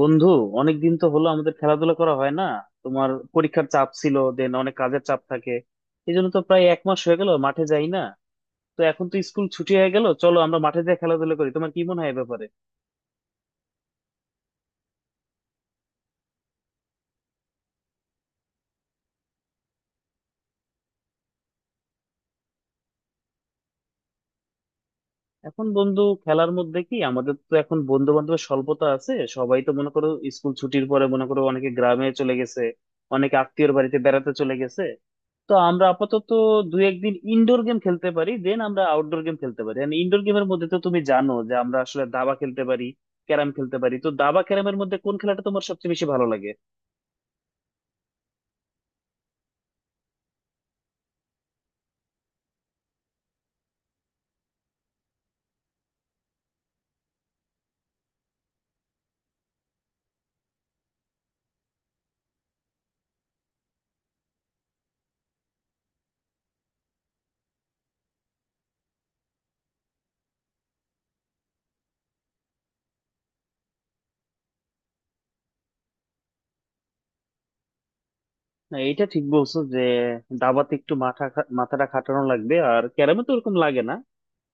বন্ধু, অনেকদিন তো হলো আমাদের খেলাধুলা করা হয় না। তোমার পরীক্ষার চাপ ছিল, দেন অনেক কাজের চাপ থাকে। এই জন্য তো প্রায় এক মাস হয়ে গেল মাঠে যাই না। তো এখন তো স্কুল ছুটি হয়ে গেল, চলো আমরা মাঠে যাই খেলাধুলা করি। তোমার কি মনে হয় এ ব্যাপারে? এখন বন্ধু খেলার মধ্যে কি আমাদের তো এখন বন্ধু বান্ধবের স্বল্পতা আছে। সবাই তো মনে করো, স্কুল ছুটির পরে মনে করো অনেকে গ্রামে চলে গেছে, অনেকে আত্মীয়র বাড়িতে বেড়াতে চলে গেছে। তো আমরা আপাতত দু একদিন ইনডোর গেম খেলতে পারি, দেন আমরা আউটডোর গেম খেলতে পারি। এন্ড ইনডোর গেমের মধ্যে তো তুমি জানো যে আমরা আসলে দাবা খেলতে পারি, ক্যারাম খেলতে পারি। তো দাবা ক্যারামের মধ্যে কোন খেলাটা তোমার সবচেয়ে বেশি ভালো লাগে? না, এটা ঠিক বলছো যে দাবাতে একটু মাথা মাথাটা খাটানো লাগবে, আর ক্যারামে তো ওরকম লাগে না।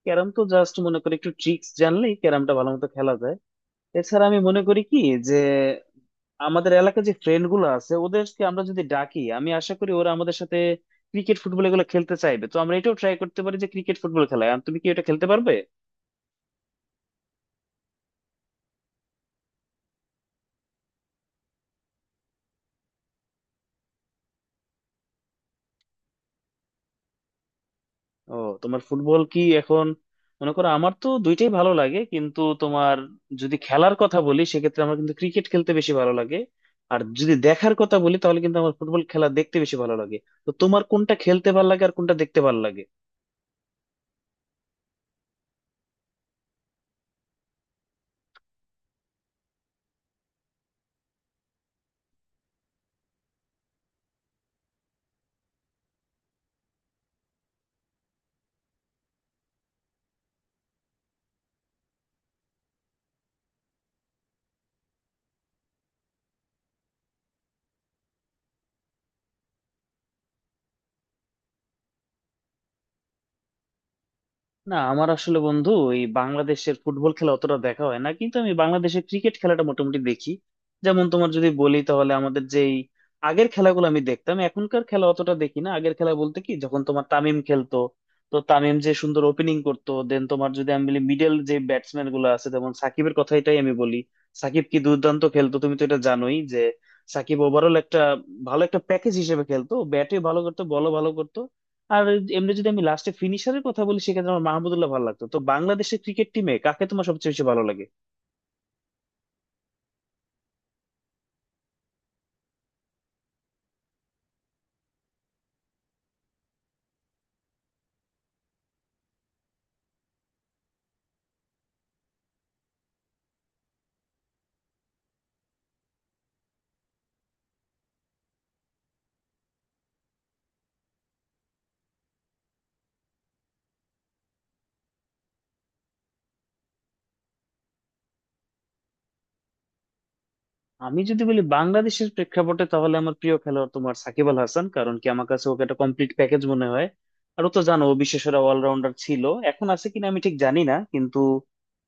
ক্যারাম তো জাস্ট মনে করি একটু ট্রিক্স জানলেই ক্যারামটা ভালো মতো খেলা যায়। এছাড়া আমি মনে করি কি, যে আমাদের এলাকার যে ফ্রেন্ড গুলো আছে ওদেরকে আমরা যদি ডাকি আমি আশা করি ওরা আমাদের সাথে ক্রিকেট ফুটবল এগুলো খেলতে চাইবে। তো আমরা এটাও ট্রাই করতে পারি যে ক্রিকেট ফুটবল খেলায়। তুমি কি এটা খেলতে পারবে? ও, তোমার ফুটবল কি এখন মনে করো আমার তো দুইটাই ভালো লাগে, কিন্তু তোমার যদি খেলার কথা বলি সেক্ষেত্রে আমার কিন্তু ক্রিকেট খেলতে বেশি ভালো লাগে। আর যদি দেখার কথা বলি তাহলে কিন্তু আমার ফুটবল খেলা দেখতে বেশি ভালো লাগে। তো তোমার কোনটা খেলতে ভালো লাগে আর কোনটা দেখতে ভালো লাগে? না, আমার আসলে বন্ধু এই বাংলাদেশের ফুটবল খেলা অতটা দেখা হয় না, কিন্তু আমি বাংলাদেশের ক্রিকেট খেলাটা মোটামুটি দেখি। যেমন তোমার যদি বলি তাহলে আমাদের যেই আগের খেলাগুলো আমি দেখতাম, এখনকার খেলা অতটা দেখি না। আগের খেলা বলতে কি যখন তোমার তামিম খেলতো, তো তামিম যে সুন্দর ওপেনিং করতো, দেন তোমার যদি আমি বলি মিডল যে ব্যাটসম্যান গুলো আছে, যেমন সাকিবের কথাটাই আমি বলি। সাকিব কি দুর্দান্ত খেলতো, তুমি তো এটা জানোই যে সাকিব ওভারঅল একটা ভালো একটা প্যাকেজ হিসেবে খেলতো, ব্যাটে ভালো করতো বলও ভালো করতো। আর এমনি যদি আমি লাস্টে ফিনিশারের কথা বলি সেক্ষেত্রে আমার মাহমুদুল্লাহ ভালো লাগতো। তো বাংলাদেশের ক্রিকেট টিমে কাকে তোমার সবচেয়ে বেশি ভালো লাগে? আমি যদি বলি বাংলাদেশের প্রেক্ষাপটে তাহলে আমার প্রিয় খেলোয়াড় তোমার সাকিব আল হাসান, কারণ কি আমার কাছে ওকে একটা কমপ্লিট প্যাকেজ মনে হয়। আর ও তো জানো ও বিশ্বসেরা অলরাউন্ডার ছিল, এখন আছে কিনা আমি ঠিক জানি না। কিন্তু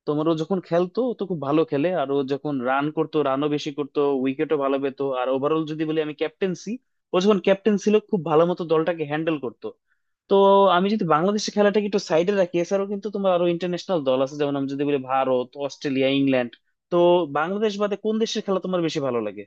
তোমার ও যখন খেলতো ও তো খুব ভালো খেলে, আর ও যখন রান করতো রানও বেশি করতো উইকেটও ভালো পেতো। আর ওভারঅল যদি বলি আমি ক্যাপ্টেন্সি, ও যখন ক্যাপ্টেন ছিল খুব ভালো মতো দলটাকে হ্যান্ডেল করতো। তো আমি যদি বাংলাদেশের খেলাটাকে একটু সাইডে রাখি, এছাড়াও কিন্তু তোমার আরো ইন্টারন্যাশনাল দল আছে, যেমন আমি যদি বলি ভারত, অস্ট্রেলিয়া, ইংল্যান্ড। তো বাংলাদেশ বাদে কোন দেশের খেলা তোমার বেশি ভালো লাগে?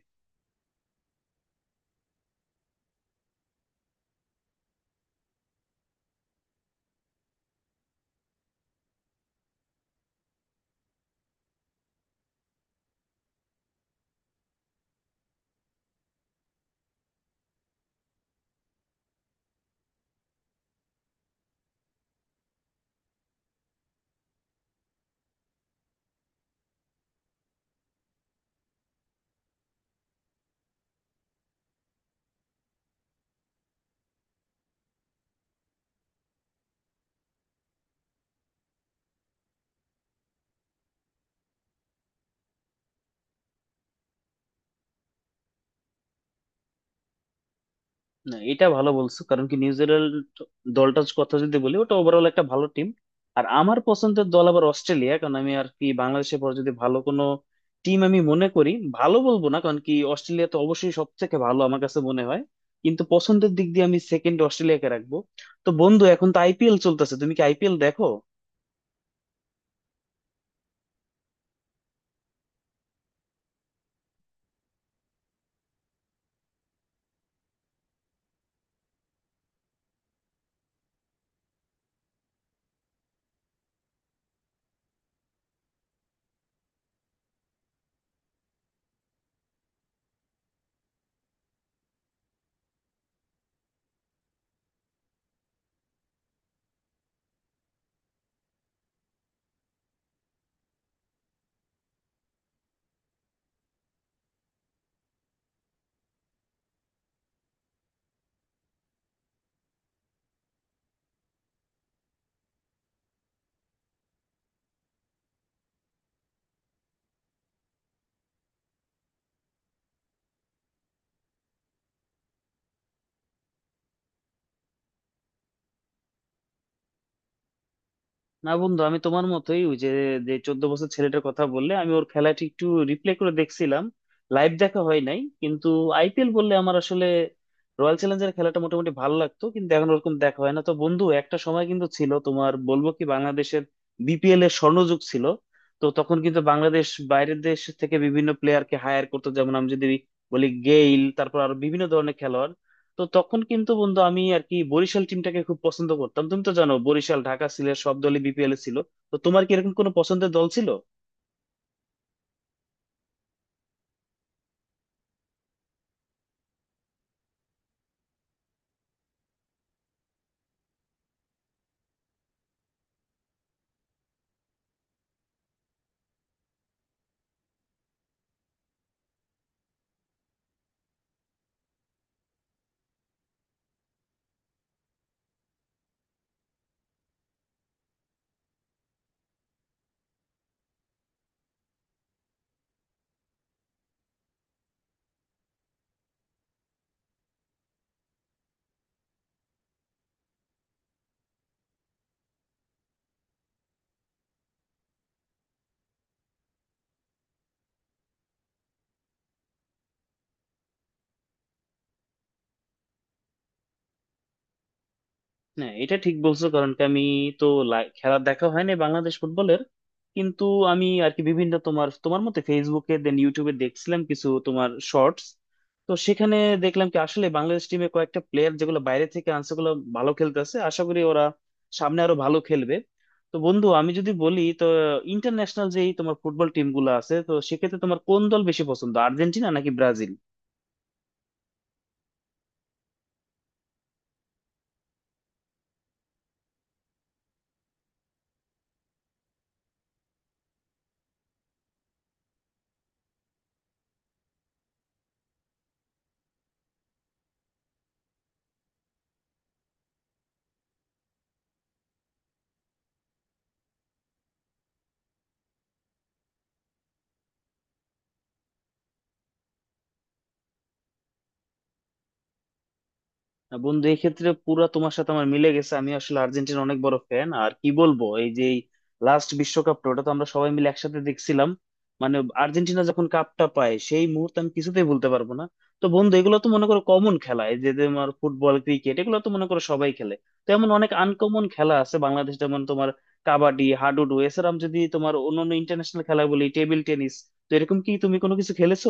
না, এটা ভালো বলছো, কারণ কি নিউজিল্যান্ড দলটার কথা যদি বলি ওটা ওভারঅল একটা ভালো টিম। আর আমার পছন্দের দল আবার অস্ট্রেলিয়া, কারণ আমি আর কি বাংলাদেশের পর যদি ভালো কোনো টিম আমি মনে করি, ভালো বলবো না কারণ কি অস্ট্রেলিয়া তো অবশ্যই সব থেকে ভালো আমার কাছে মনে হয়। কিন্তু পছন্দের দিক দিয়ে আমি সেকেন্ড অস্ট্রেলিয়াকে রাখবো। তো বন্ধু এখন তো আইপিএল চলতেছে, তুমি কি আইপিএল দেখো? না বন্ধু, আমি তোমার মতোই ওই যে যে 14 বছর ছেলেটার কথা বললে, আমি ওর খেলাটি একটু রিপ্লে করে দেখছিলাম, লাইভ দেখা হয় নাই। কিন্তু আইপিএল বললে আমার আসলে রয়্যাল চ্যালেঞ্জার্স খেলাটা মোটামুটি ভালো লাগতো, কিন্তু এখন ওরকম দেখা হয় না। তো বন্ধু একটা সময় কিন্তু ছিল, তোমার বলবো কি বাংলাদেশের বিপিএল এর স্বর্ণযুগ ছিল। তো তখন কিন্তু বাংলাদেশ বাইরের দেশ থেকে বিভিন্ন প্লেয়ারকে হায়ার করতো, যেমন আমি যদি বলি গেইল, তারপর আরো বিভিন্ন ধরনের খেলোয়াড়। তো তখন কিন্তু বন্ধু আমি আর কি বরিশাল টিমটাকে খুব পছন্দ করতাম, তুমি তো জানো বরিশাল, ঢাকা, সিলেট সব দলই বিপিএল এ ছিল। তো তোমার কি এরকম কোনো পছন্দের দল ছিল? না, এটা ঠিক বলছো, কারণ কি আমি তো খেলা দেখা হয়নি বাংলাদেশ ফুটবলের। কিন্তু আমি আর কি বিভিন্ন তোমার তোমার মতে ফেসবুকে, দেন ইউটিউবে দেখছিলাম কিছু তোমার শর্টস। তো সেখানে দেখলাম কি আসলে বাংলাদেশ টিমে কয়েকটা প্লেয়ার যেগুলো বাইরে থেকে আনছে ওগুলো ভালো খেলতেছে, আশা করি ওরা সামনে আরো ভালো খেলবে। তো বন্ধু আমি যদি বলি তো, ইন্টারন্যাশনাল যেই তোমার ফুটবল টিম গুলো আছে, তো সেক্ষেত্রে তোমার কোন দল বেশি পছন্দ, আর্জেন্টিনা নাকি ব্রাজিল? না বন্ধু, এক্ষেত্রে পুরা তোমার সাথে আমার মিলে গেছে। আমি আসলে আর্জেন্টিনা অনেক বড় ফ্যান, আর কি বলবো এই যে লাস্ট বিশ্বকাপটা ওটা তো আমরা সবাই মিলে একসাথে দেখছিলাম। মানে আর্জেন্টিনা যখন কাপটা পায় সেই মুহূর্ত আমি কিছুতেই ভুলতে পারবো না। তো বন্ধু এগুলো তো মনে করো কমন খেলা, এই যে তোমার ফুটবল ক্রিকেট এগুলো তো মনে করো সবাই খেলে। তো এমন অনেক আনকমন খেলা আছে বাংলাদেশ, যেমন তোমার কাবাডি, হাডুডু, এছাড়া আমি যদি তোমার অন্যান্য ইন্টারন্যাশনাল খেলা বলি টেবিল টেনিস। তো এরকম কি তুমি কোনো কিছু খেলেছো?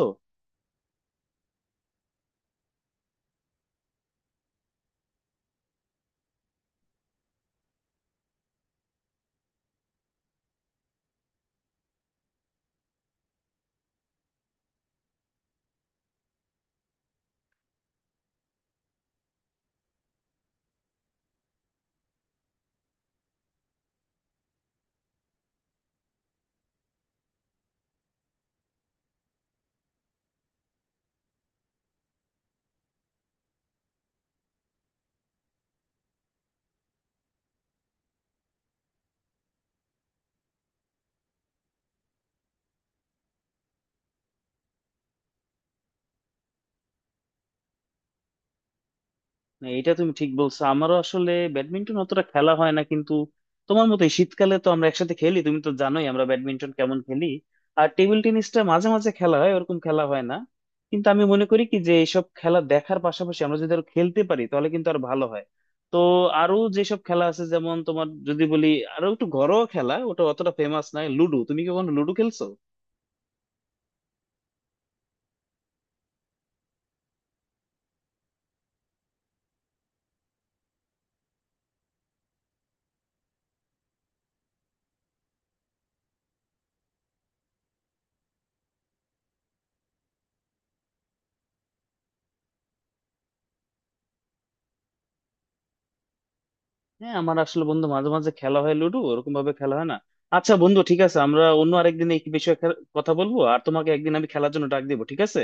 না, এটা তুমি ঠিক বলছো, আমারও আসলে ব্যাডমিন্টন অতটা খেলা হয় না, কিন্তু তোমার মতো এই শীতকালে তো আমরা একসাথে খেলি, তুমি তো জানোই আমরা ব্যাডমিন্টন কেমন খেলি। আর টেবিল টেনিসটা মাঝে মাঝে খেলা হয়, ওরকম খেলা হয় না। কিন্তু আমি মনে করি কি যে এইসব খেলা দেখার পাশাপাশি আমরা যদি আরো খেলতে পারি তাহলে কিন্তু আর ভালো হয়। তো আরো যেসব খেলা আছে যেমন তোমার যদি বলি, আরো একটু ঘরোয়া খেলা, ওটা অতটা ফেমাস নয়, লুডো, তুমি কি কখনো লুডো খেলছো? হ্যাঁ, আমার আসলে বন্ধু মাঝে মাঝে খেলা হয় লুডো, ওরকম ভাবে খেলা হয় না। আচ্ছা বন্ধু ঠিক আছে, আমরা অন্য আরেকদিন এই বিষয়ে কথা বলবো, আর তোমাকে একদিন আমি খেলার জন্য ডাক দিব, ঠিক আছে?